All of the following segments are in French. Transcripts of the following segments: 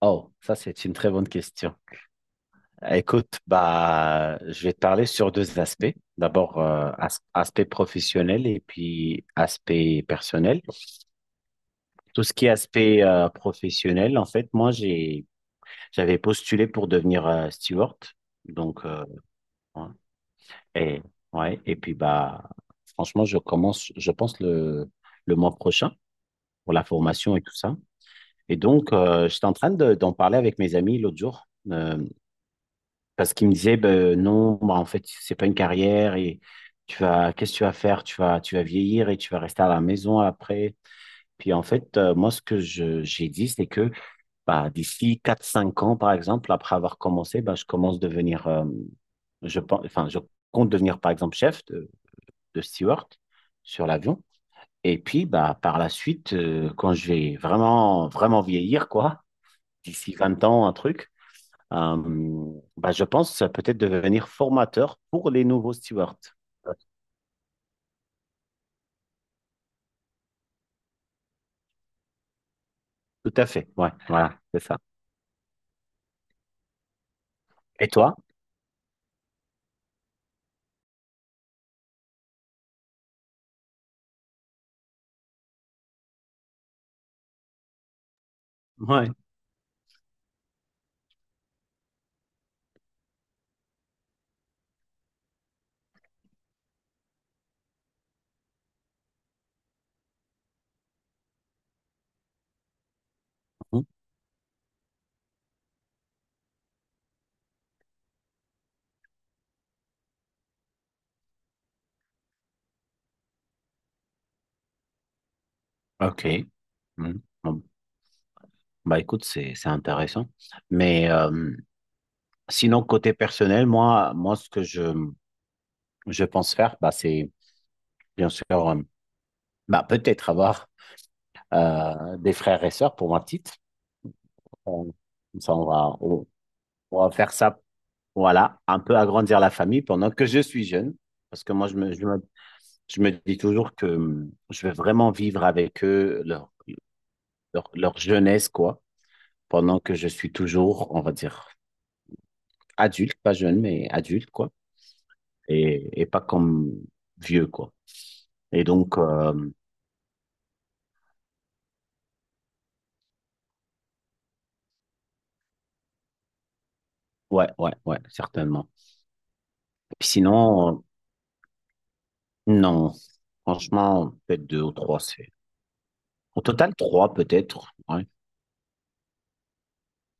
Oh, ça c'est une très bonne question. Écoute, bah, je vais te parler sur deux aspects. D'abord, aspect professionnel et puis aspect personnel. Tout ce qui est aspect professionnel, en fait, moi j'avais postulé pour devenir steward. Donc, ouais. Et ouais, et puis bah, franchement, je commence, je pense le mois prochain pour la formation et tout ça. Et donc, j'étais en train d'en parler avec mes amis l'autre jour. Parce qu'il me disait, ben, non, bah, en fait, c'est pas une carrière et qu'est-ce que tu vas faire? Tu vas vieillir et tu vas rester à la maison après. Puis en fait, moi, ce que j'ai dit, c'est que bah, d'ici quatre cinq ans, par exemple, après avoir commencé, bah, je commence à devenir, je pense, enfin, je compte devenir, par exemple, chef de steward sur l'avion. Et puis, bah, par la suite, quand je vais vraiment, vraiment vieillir, quoi, d'ici 20 ans, un truc, euh, bah, je pense, peut-être devenir formateur pour les nouveaux stewards. Ouais. Tout à fait. Ouais, voilà, c'est ça. Et toi? Ouais. Mhm. OK. Mhm. Bon, bah écoute, c'est intéressant. Mais, sinon, côté personnel, moi, ce que je pense faire, bah, c'est bien sûr, bah, peut-être avoir des frères et sœurs pour ma petite. On- Comme ça, on va faire ça, voilà, un peu agrandir la famille pendant que je suis jeune. Parce que moi, je me dis toujours que je vais vraiment vivre avec eux leur, jeunesse, quoi, pendant que je suis toujours, on va dire, adulte, pas jeune, mais adulte, quoi, et pas comme vieux, quoi. Et donc, ouais, ouais, ouais, certainement. Puis sinon, non, franchement, peut-être deux ou trois. Au total, trois peut-être, ouais.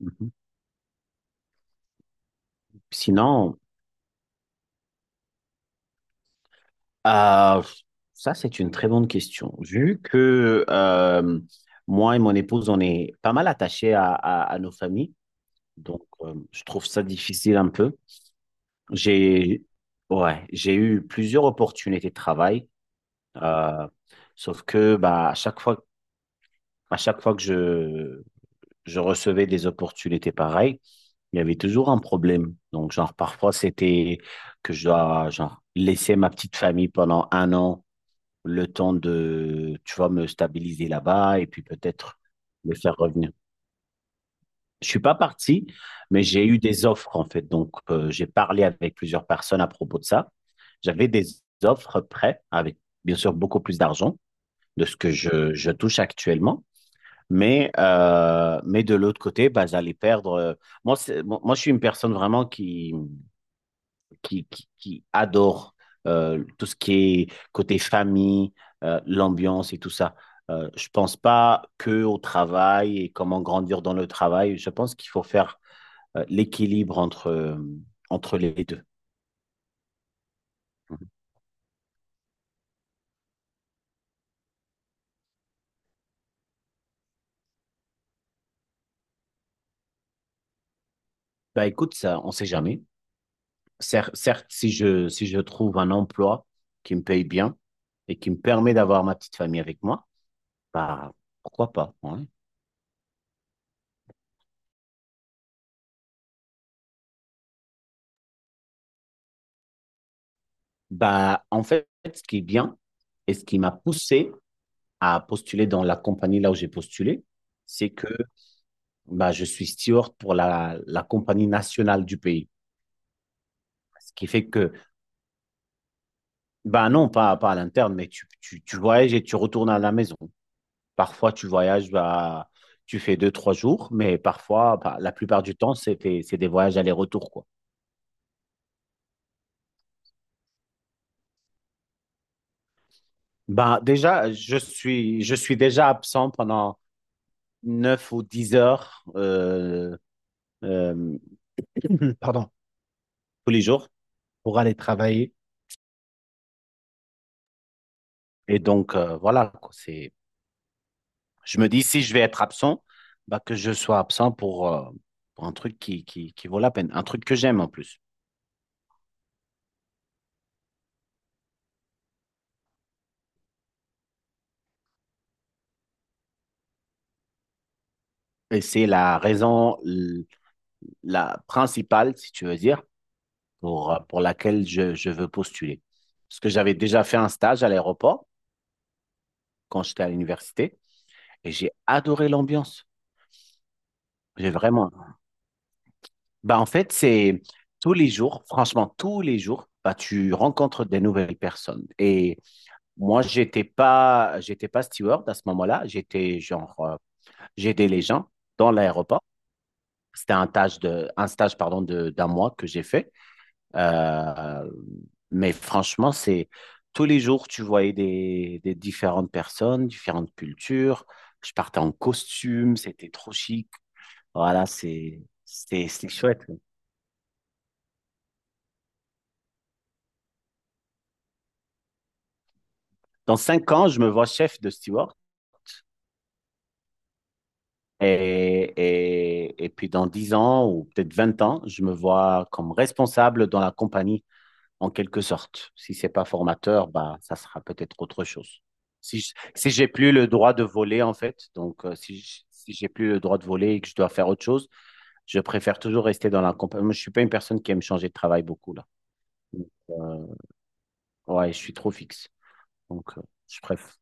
Mhm. Sinon, Euh, ça, c'est une très bonne question. Vu que moi et mon épouse, on est pas mal attachés à nos familles, donc, je trouve ça difficile un peu. J'ai, ouais, j'ai eu plusieurs opportunités de travail, euh, sauf que bah, à chaque fois que je recevais des opportunités pareilles, il y avait toujours un problème. Donc, genre, parfois, c'était que je dois, genre, laisser ma petite famille pendant un an le temps de, tu vois, me stabiliser là-bas et puis peut-être me faire revenir. Je suis pas parti, mais j'ai eu des offres en fait. Donc, j'ai parlé avec plusieurs personnes à propos de ça. J'avais des offres prêtes avec, bien sûr, beaucoup plus d'argent de ce que je touche actuellement. Mais de l'autre côté, bah, j'allais perdre. Moi, je suis une personne vraiment qui adore tout ce qui est côté famille, l'ambiance et tout ça. Je pense pas que au travail et comment grandir dans le travail. Je pense qu'il faut faire, l'équilibre entre les deux. Mhm. Bah écoute, ça, on sait jamais. Certes, si je trouve un emploi qui me paye bien et qui me permet d'avoir ma petite famille avec moi, bah, pourquoi pas. Ouais. Bah en fait, ce qui est bien et ce qui m'a poussé à postuler dans la compagnie là où j'ai postulé, c'est que bah, je suis steward pour la compagnie nationale du pays. Ce qui fait que bah non, pas à l'interne, mais tu voyages et tu retournes à la maison. Parfois, tu voyages, bah, tu fais deux, trois jours, mais parfois, bah, la plupart du temps, c'est des voyages aller-retour, quoi. Bah, déjà, je suis déjà absent pendant 9 ou 10 heures, euh, pardon, tous les jours pour aller travailler. Et donc, voilà, quoi. Je me dis, si je vais être absent, bah, que je sois absent pour un truc qui vaut la peine, un truc que j'aime en plus. Et c'est la raison, la principale, si tu veux dire, pour laquelle je veux postuler. Parce que j'avais déjà fait un stage à l'aéroport quand j'étais à l'université et j'ai adoré l'ambiance. J'ai vraiment. Bah, en fait, c'est tous les jours, franchement, tous les jours, bah, tu rencontres des nouvelles personnes. Et moi, j'étais pas steward à ce moment-là. J'étais, genre, j'aidais les gens dans l'aéroport. C'était un stage de, un stage, pardon, d'un mois que j'ai fait. Euh, mais franchement, c'est tous les jours, tu voyais des différentes personnes, différentes cultures. Je partais en costume, c'était trop chic. Voilà, c'est chouette. Dans 5 ans, je me vois chef de steward. Et puis dans 10 ans ou peut-être 20 ans, je me vois comme responsable dans la compagnie en quelque sorte. Si c'est pas formateur, bah, ça sera peut-être autre chose. Si j'ai plus le droit de voler en fait, donc, si j'ai plus le droit de voler et que je dois faire autre chose, je préfère toujours rester dans la compagnie. Moi, je suis pas une personne qui aime changer de travail beaucoup là. Donc, ouais, je suis trop fixe. Donc, je préfère.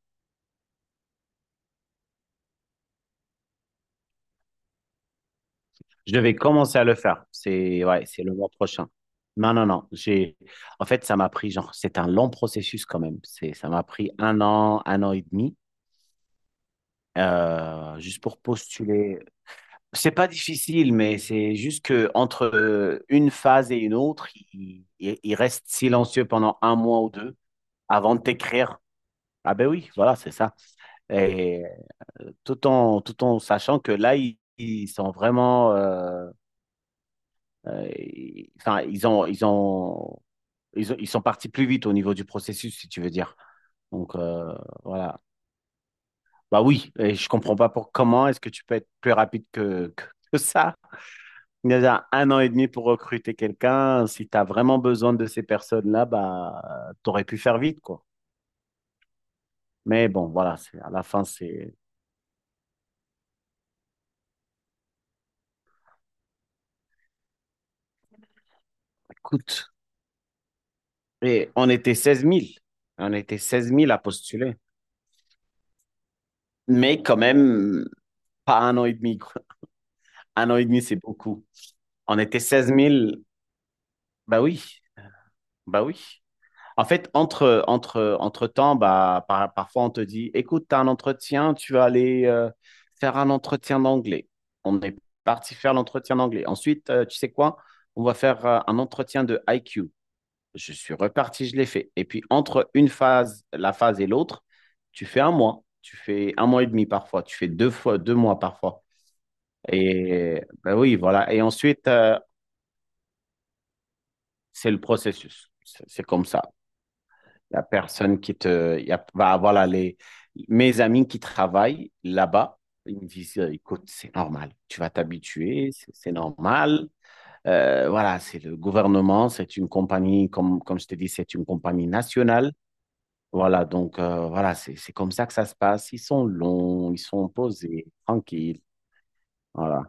Je vais commencer à le faire. C'est ouais, c'est le mois prochain. Non, non, non. En fait, ça m'a pris, genre, c'est un long processus quand même. Ça m'a pris un an et demi, juste pour postuler. C'est pas difficile, mais c'est juste que entre, une phase et une autre, il reste silencieux pendant un mois ou deux avant de t'écrire. Ah ben oui, voilà, c'est ça. Et, tout en sachant que là, ils sont vraiment, enfin, ils sont partis plus vite au niveau du processus, si tu veux dire. Donc, voilà. Bah oui, et je comprends pas pour comment est-ce que tu peux être plus rapide que ça. Il y a déjà un an et demi pour recruter quelqu'un. Si tu as vraiment besoin de ces personnes-là, bah, tu aurais pu faire vite, quoi. Mais bon, voilà, c'est, à la fin, c'est, ça coûte. Et on était 16 000. On était seize mille à postuler. Mais quand même, pas un an et demi, quoi. Un an et demi, c'est beaucoup. On était seize mille, bah oui, bah oui. En fait, entre temps, bah, parfois on te dit, écoute, tu as un entretien, tu vas aller faire un entretien d'anglais. On est parti faire l'entretien d'anglais. Ensuite, tu sais quoi? On va faire un entretien de IQ. Je suis reparti, je l'ai fait. Et puis, entre une phase, la phase et l'autre, tu fais un mois, tu fais un mois et demi parfois, tu fais deux fois, deux mois parfois. Et bah oui, voilà. Et ensuite, c'est le processus. C'est comme ça. La personne qui te va avoir là, mes amis qui travaillent là-bas, ils me disent, écoute, c'est normal, tu vas t'habituer, c'est normal. Voilà, c'est le gouvernement, c'est une compagnie, comme je te dis, c'est une compagnie nationale. Voilà, donc, voilà, c'est comme ça que ça se passe. Ils sont longs, ils sont posés, tranquilles. Voilà.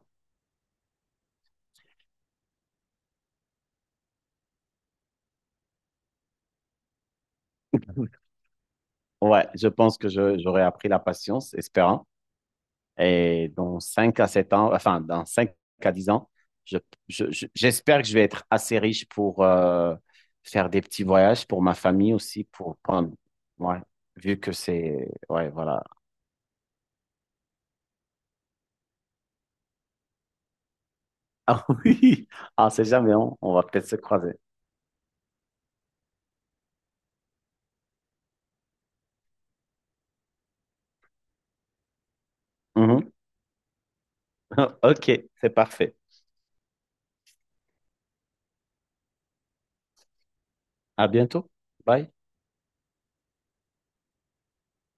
Ouais, je pense que j'aurais appris la patience, espérant. Et dans 5 à 7 ans, enfin, dans 5 à 10 ans, je- j'espère que je vais être assez riche pour, faire des petits voyages pour ma famille aussi, pour prendre, ouais, vu que c'est, ouais, voilà. Ah oui, ah, c'est jamais, on va peut-être se croiser. Mhm. Ok, c'est parfait. À bientôt. Bye.